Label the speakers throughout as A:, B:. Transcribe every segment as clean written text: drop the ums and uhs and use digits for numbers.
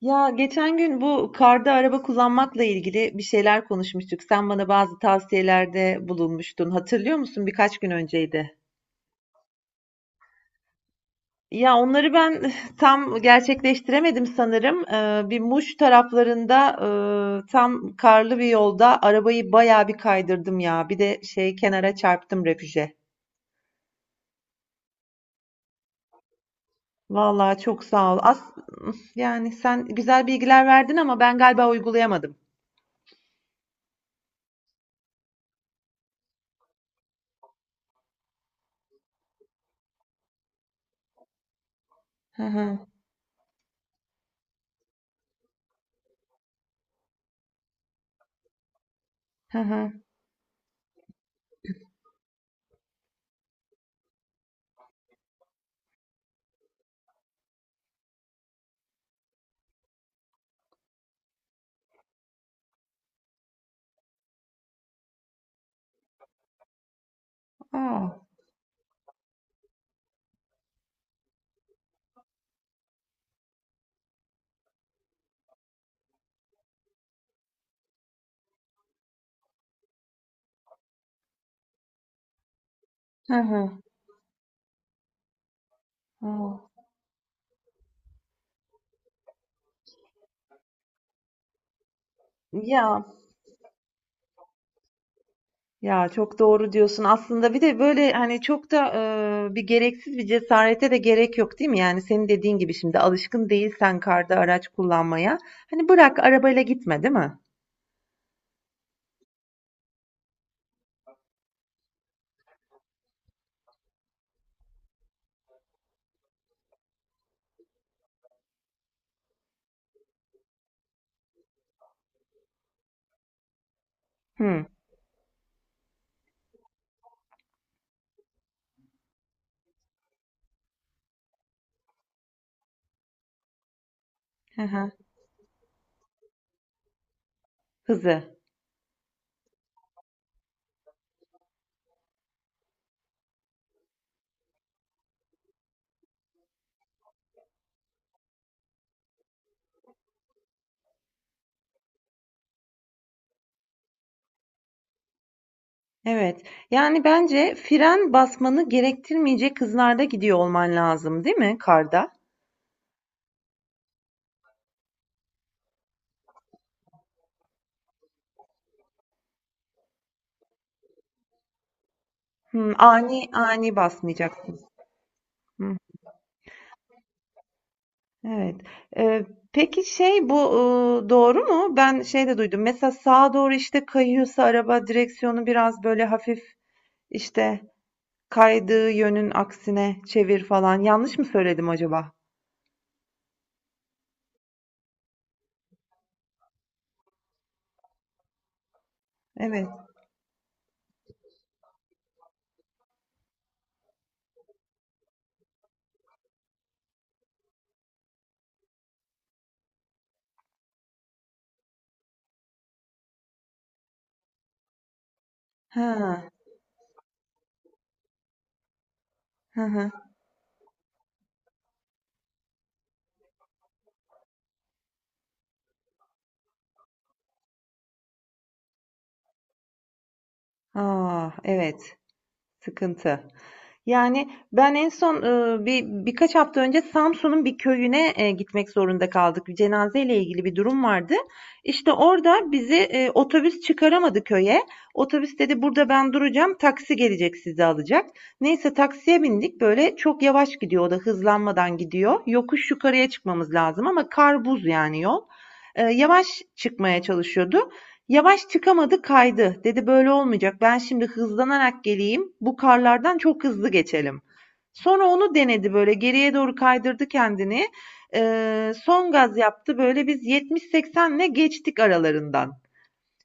A: Ya geçen gün bu karda araba kullanmakla ilgili bir şeyler konuşmuştuk. Sen bana bazı tavsiyelerde bulunmuştun. Hatırlıyor musun? Birkaç gün önceydi. Ya onları ben tam gerçekleştiremedim sanırım. Bir Muş taraflarında tam karlı bir yolda arabayı bayağı bir kaydırdım ya. Bir de şey kenara çarptım refüje. Vallahi çok sağ ol. As yani sen güzel bilgiler verdin ama ben galiba uygulayamadım. Hı hı hı hı. Aa, hı hı. Aa. Ya ya çok doğru diyorsun. Aslında bir de böyle hani çok da bir gereksiz bir cesarete de gerek yok değil mi? Yani senin dediğin gibi şimdi alışkın değilsen karda araç kullanmaya. Hani bırak arabayla gitme değil mi? Hı. Hı hı. Hızı. Evet. Yani bence fren basmanı gerektirmeyecek hızlarda gidiyor olman lazım değil mi karda? Hı. Ani ani basmayacaksın. Hı. Evet. Eee, peki şey bu, doğru mu? Ben şey de duydum. Mesela sağa doğru işte kayıyorsa araba direksiyonu biraz böyle hafif işte kaydığı yönün aksine çevir falan. Yanlış mı söyledim acaba? Evet. Ha. Hı hı. A! Evet. Sıkıntı. Yani, ben en son, birkaç hafta önce Samsun'un bir köyüne, gitmek zorunda kaldık. Bir cenazeyle ilgili bir durum vardı. İşte, orada bizi, otobüs çıkaramadı köye. Otobüs dedi, "Burada ben duracağım, taksi gelecek sizi alacak." Neyse taksiye bindik. Böyle çok yavaş gidiyor o da, hızlanmadan gidiyor. Yokuş yukarıya çıkmamız lazım ama kar buz yani yol. Yavaş çıkmaya çalışıyordu. Yavaş çıkamadı, kaydı. Dedi böyle olmayacak, ben şimdi hızlanarak geleyim, bu karlardan çok hızlı geçelim. Sonra onu denedi böyle geriye doğru kaydırdı kendini. Son gaz yaptı böyle biz 70-80'le geçtik aralarından.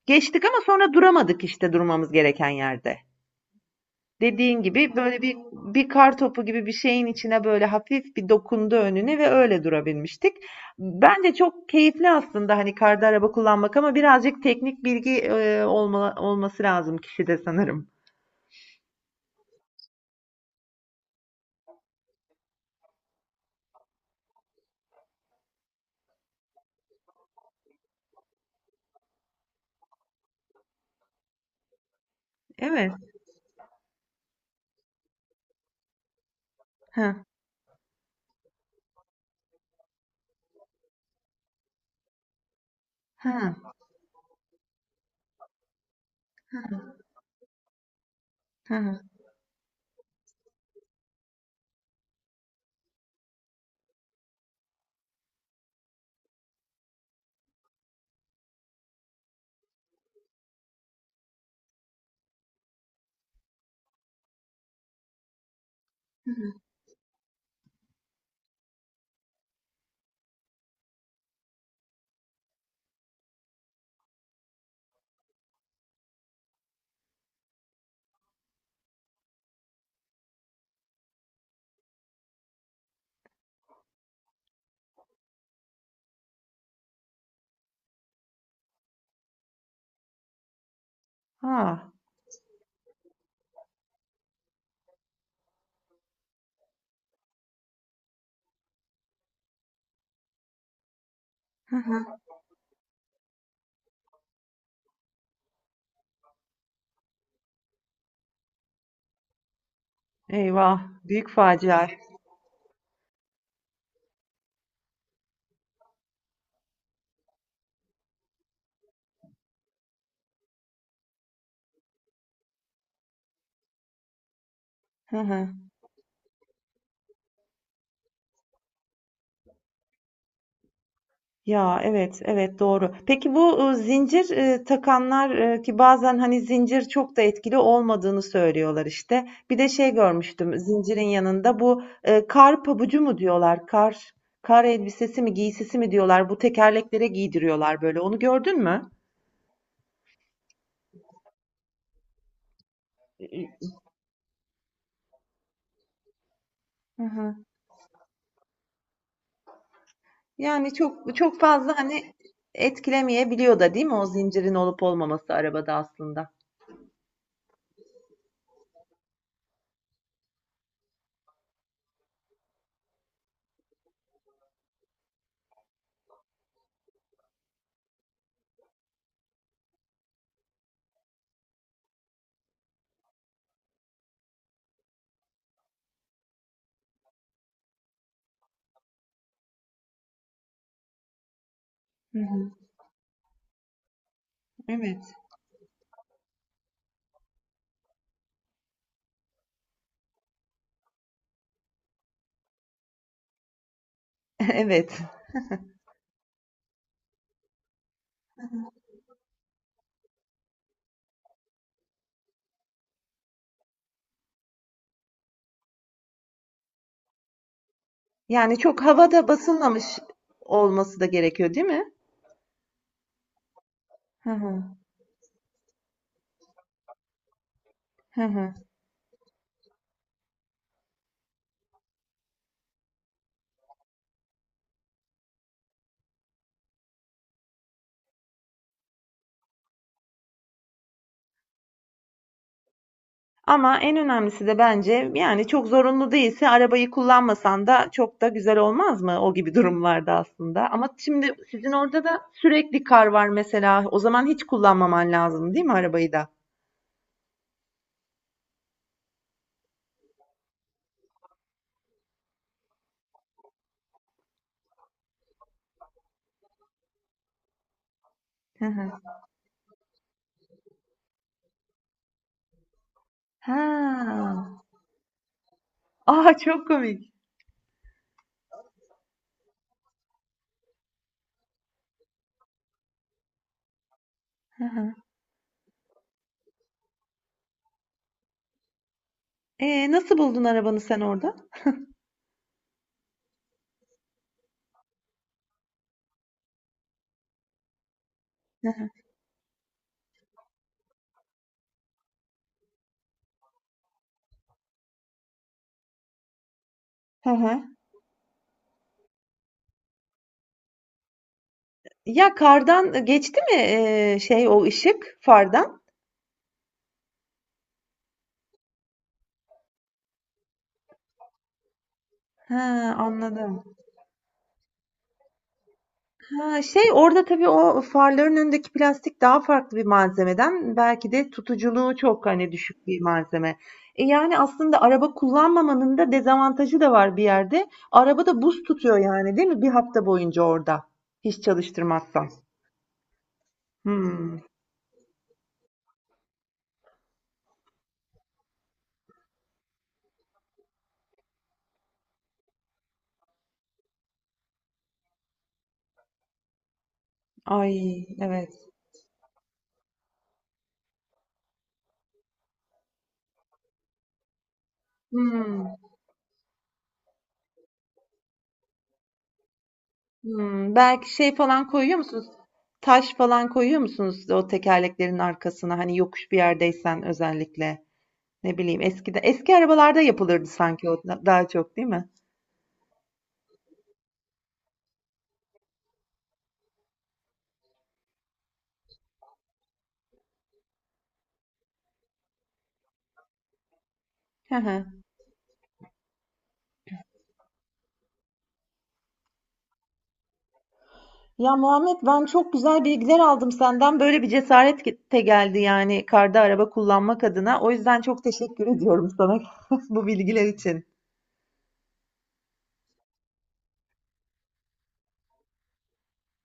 A: Geçtik ama sonra duramadık işte durmamız gereken yerde. Dediğin gibi böyle bir kar topu gibi bir şeyin içine böyle hafif bir dokundu önüne ve öyle durabilmiştik. Bence çok keyifli aslında hani karda araba kullanmak ama birazcık teknik bilgi olması lazım kişide sanırım. Evet. Hı. Hı. Hı hı. Ha. Hı hı. Eyvah. Büyük facia. Hı hı. Ya evet, evet doğru. Peki bu zincir, takanlar, ki bazen, hani, zincir çok da etkili olmadığını söylüyorlar, işte. Bir de şey görmüştüm zincirin yanında bu, kar pabucu mu diyorlar, kar elbisesi mi, giysisi mi diyorlar, bu tekerleklere giydiriyorlar böyle. Onu gördün mü? Hı hı. Yani çok çok fazla, hani, etkilemeyebiliyor da değil mi o zincirin olup olmaması arabada aslında? Hı hı. Evet. Evet. Yani çok havada basılmamış olması da gerekiyor, değil mi? Hı hı. Hı hı. Ama en önemlisi de bence yani çok zorunlu değilse arabayı kullanmasan da çok da güzel olmaz mı o gibi durumlarda aslında. Ama şimdi sizin orada da sürekli kar var mesela. O zaman hiç kullanmaman lazım, değil mi arabayı da? Ha. A, çok komik. Hı hı. Nasıl buldun arabanı sen orada? Hı hı. Hı hı. Ya kardan geçti mi şey o ışık fardan? He, anladım. Ha, şey orada tabii o farların önündeki plastik daha farklı bir malzemeden belki de tutuculuğu çok hani düşük bir malzeme. E, yani aslında araba kullanmamanın da dezavantajı da var bir yerde. Araba da buz tutuyor yani değil mi? Bir hafta boyunca orada. Hiç çalıştırmazsan. Hmm. Ay evet. Hımm. Hımm. Belki şey falan koyuyor musunuz? Taş falan koyuyor musunuz o tekerleklerin arkasına? Hani yokuş bir yerdeysen özellikle. Ne bileyim eskide eski arabalarda yapılırdı sanki o da daha çok değil mi? Hı hı. Ya Muhammed ben çok güzel bilgiler aldım senden. Böyle bir cesaret ge- de geldi yani karda araba kullanmak adına. O yüzden çok teşekkür ediyorum sana bu bilgiler için.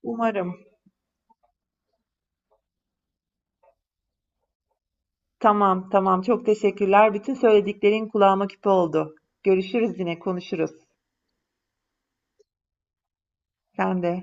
A: Umarım. Tamam tamam çok teşekkürler. Bütün söylediklerin kulağıma küpe oldu. Görüşürüz yine konuşuruz. Sen de.